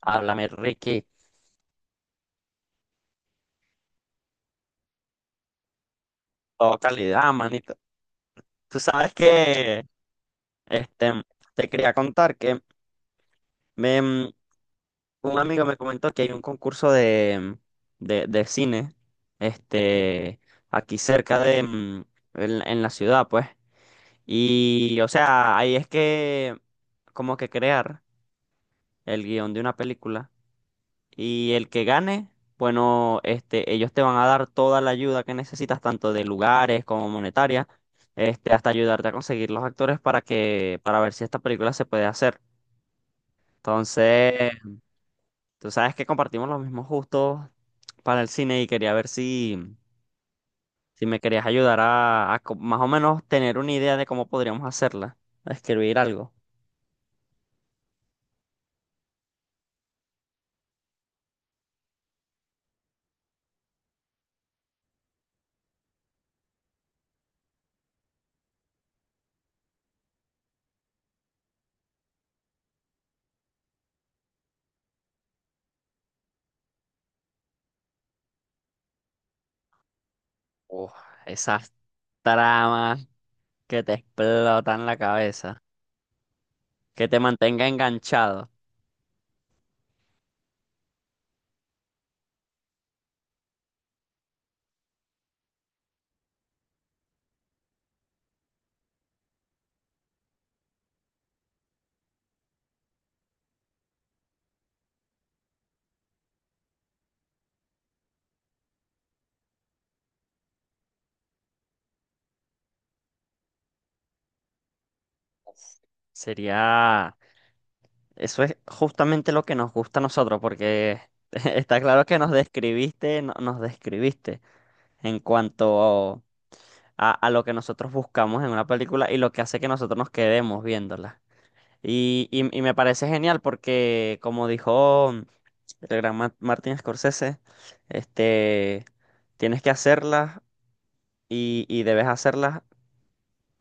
Háblame, Ricky. Todo calidad, manito. Tú sabes que, este, te quería contar que me, mm, un amigo me comentó que hay un concurso de cine, este, aquí cerca de, en la ciudad, pues. Y, o sea, ahí es que, como que crear el guión de una película. Y el que gane, bueno, ellos te van a dar toda la ayuda que necesitas, tanto de lugares como monetaria, hasta ayudarte a conseguir los actores para que, para ver si esta película se puede hacer. Entonces, tú sabes que compartimos los mismos gustos para el cine y quería ver si, si me querías ayudar más o menos tener una idea de cómo podríamos hacerla, a escribir algo. Uf, esas tramas que te explotan la cabeza, que te mantenga enganchado. Sería, eso es justamente lo que nos gusta a nosotros, porque está claro que nos describiste, nos describiste en cuanto a lo que nosotros buscamos en una película y lo que hace que nosotros nos quedemos viéndola. Y me parece genial porque, como dijo el gran Martin Scorsese, este, tienes que hacerlas y debes hacerlas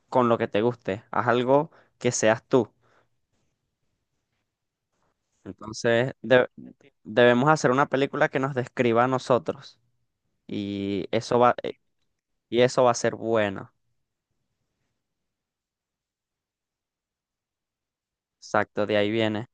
con lo que te guste. Haz algo que seas tú. Entonces, de- Debemos hacer una película que nos describa a nosotros y y eso va a ser bueno. Exacto, de ahí viene.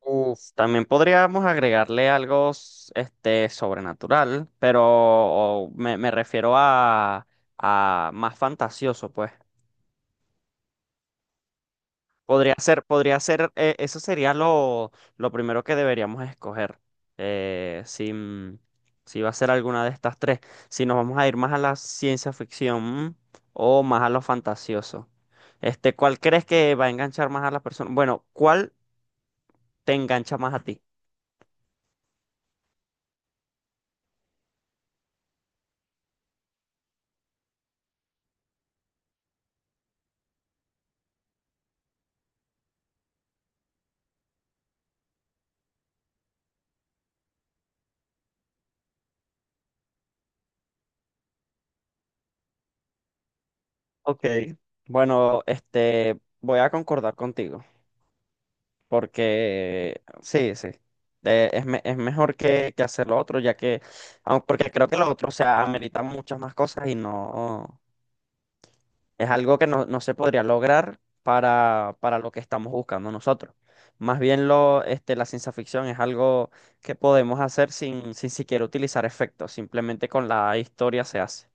Uf, también podríamos agregarle sobrenatural, pero me refiero a más fantasioso, pues. Podría ser, eso sería lo primero que deberíamos escoger. Eh, si, si va a ser alguna de estas tres. Si nos vamos a ir más a la ciencia ficción, mm, o más a lo fantasioso. ¿Cuál crees que va a enganchar más a las personas? Bueno, ¿cuál te engancha más a ti? Ok. Bueno, voy a concordar contigo. Porque sí, sí. Es mejor que hacer lo otro, ya que, porque creo que lo otro, o sea, amerita muchas más cosas y no es algo que no, no se podría lograr para lo que estamos buscando nosotros. Más bien la ciencia ficción es algo que podemos hacer sin, sin siquiera utilizar efectos, simplemente con la historia se hace.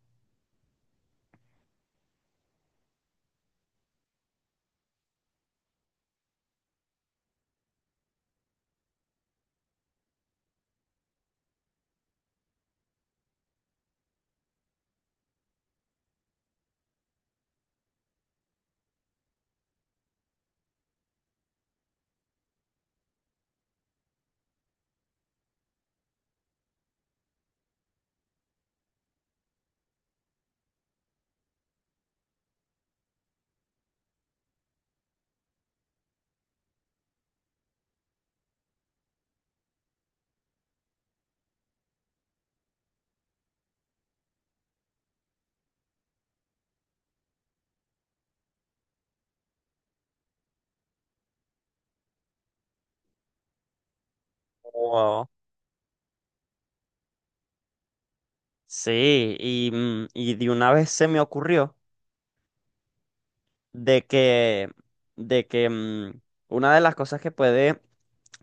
Wow. Sí, y de una vez se me ocurrió. De que, de que mm, una de las cosas que puede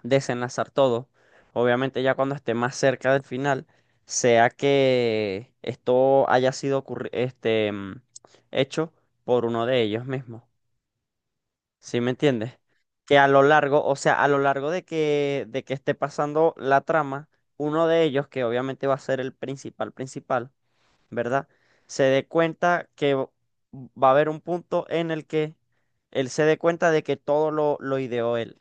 desenlazar todo, obviamente ya cuando esté más cerca del final, sea que esto haya hecho por uno de ellos mismos. ¿Sí me entiendes? Que a lo largo, o sea, a lo largo de que esté pasando la trama, uno de ellos, que obviamente va a ser el principal principal, ¿verdad? Se dé cuenta que v- va a haber un punto en el que él se dé cuenta de que todo lo ideó él.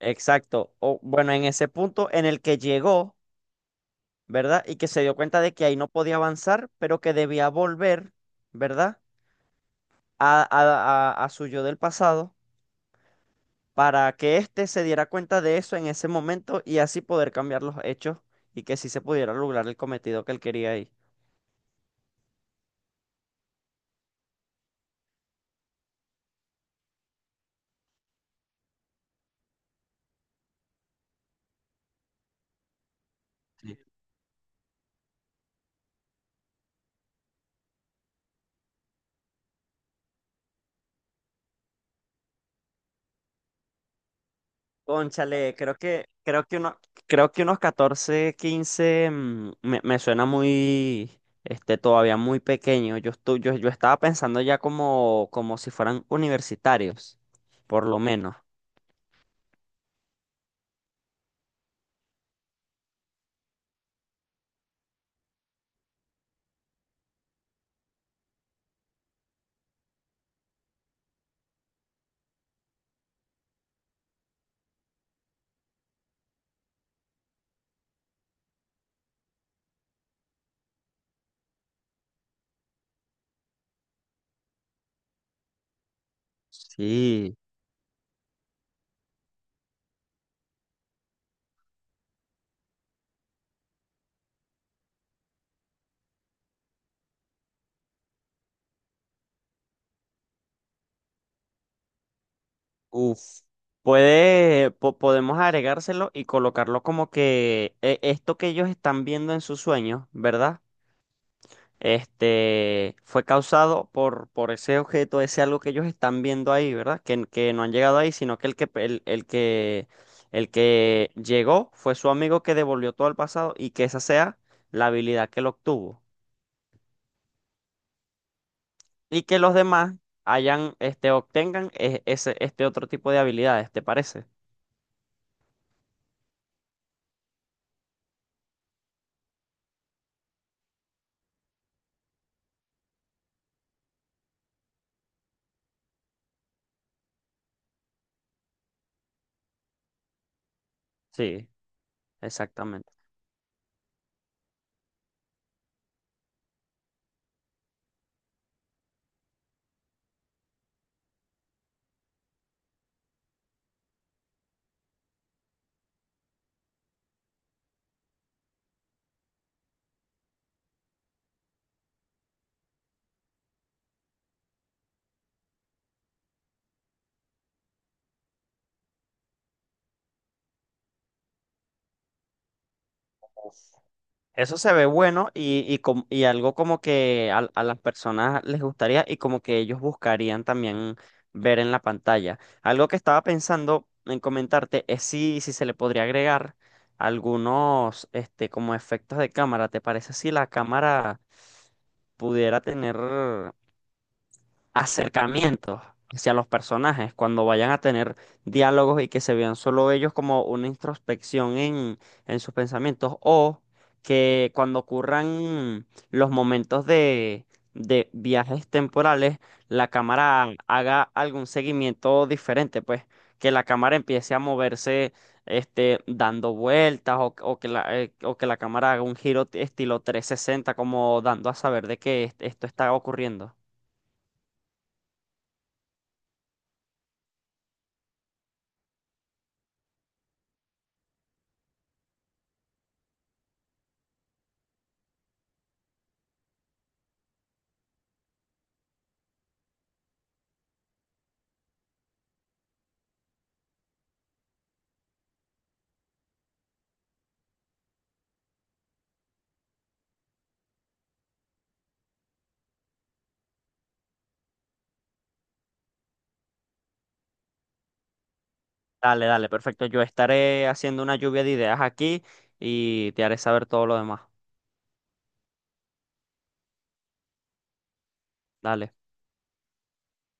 Exacto. O bueno, en ese punto en el que llegó, ¿verdad? Y que se dio cuenta de que ahí no podía avanzar, pero que debía volver, ¿verdad? A, a, a su yo del pasado para que éste se diera cuenta de eso en ese momento y así poder cambiar los hechos y que sí se pudiera lograr el cometido que él quería ahí. Cónchale, creo que unos 14 quince, me suena muy, todavía muy pequeño. Yo estaba pensando ya como, como si fueran universitarios, por lo menos. Sí. Uf. Podemos agregárselo y colocarlo como que, esto que ellos están viendo en sus sueños, ¿verdad? Este fue causado por ese objeto, ese algo que ellos están viendo ahí, ¿verdad? Que no han llegado ahí, sino que el que llegó fue su amigo que devolvió todo al pasado y que esa sea la habilidad que lo obtuvo. Y que los demás hayan, este otro tipo de habilidades, ¿te parece? Sí, exactamente. Eso se ve bueno y algo como que a las personas les gustaría y como que ellos buscarían también ver en la pantalla. Algo que estaba pensando en comentarte es si, si se le podría agregar algunos, como efectos de cámara. ¿Te parece si la cámara pudiera tener acercamientos hacia los personajes, cuando vayan a tener diálogos y que se vean solo ellos como una introspección en sus pensamientos, o que cuando ocurran los momentos de viajes temporales, la cámara haga algún seguimiento diferente, pues que la cámara empiece a moverse. Dando vueltas o, o que la cámara haga un giro estilo 360, como dando a saber de que esto está ocurriendo. Dale, dale, perfecto. Yo estaré haciendo una lluvia de ideas aquí y te haré saber todo lo demás. Dale.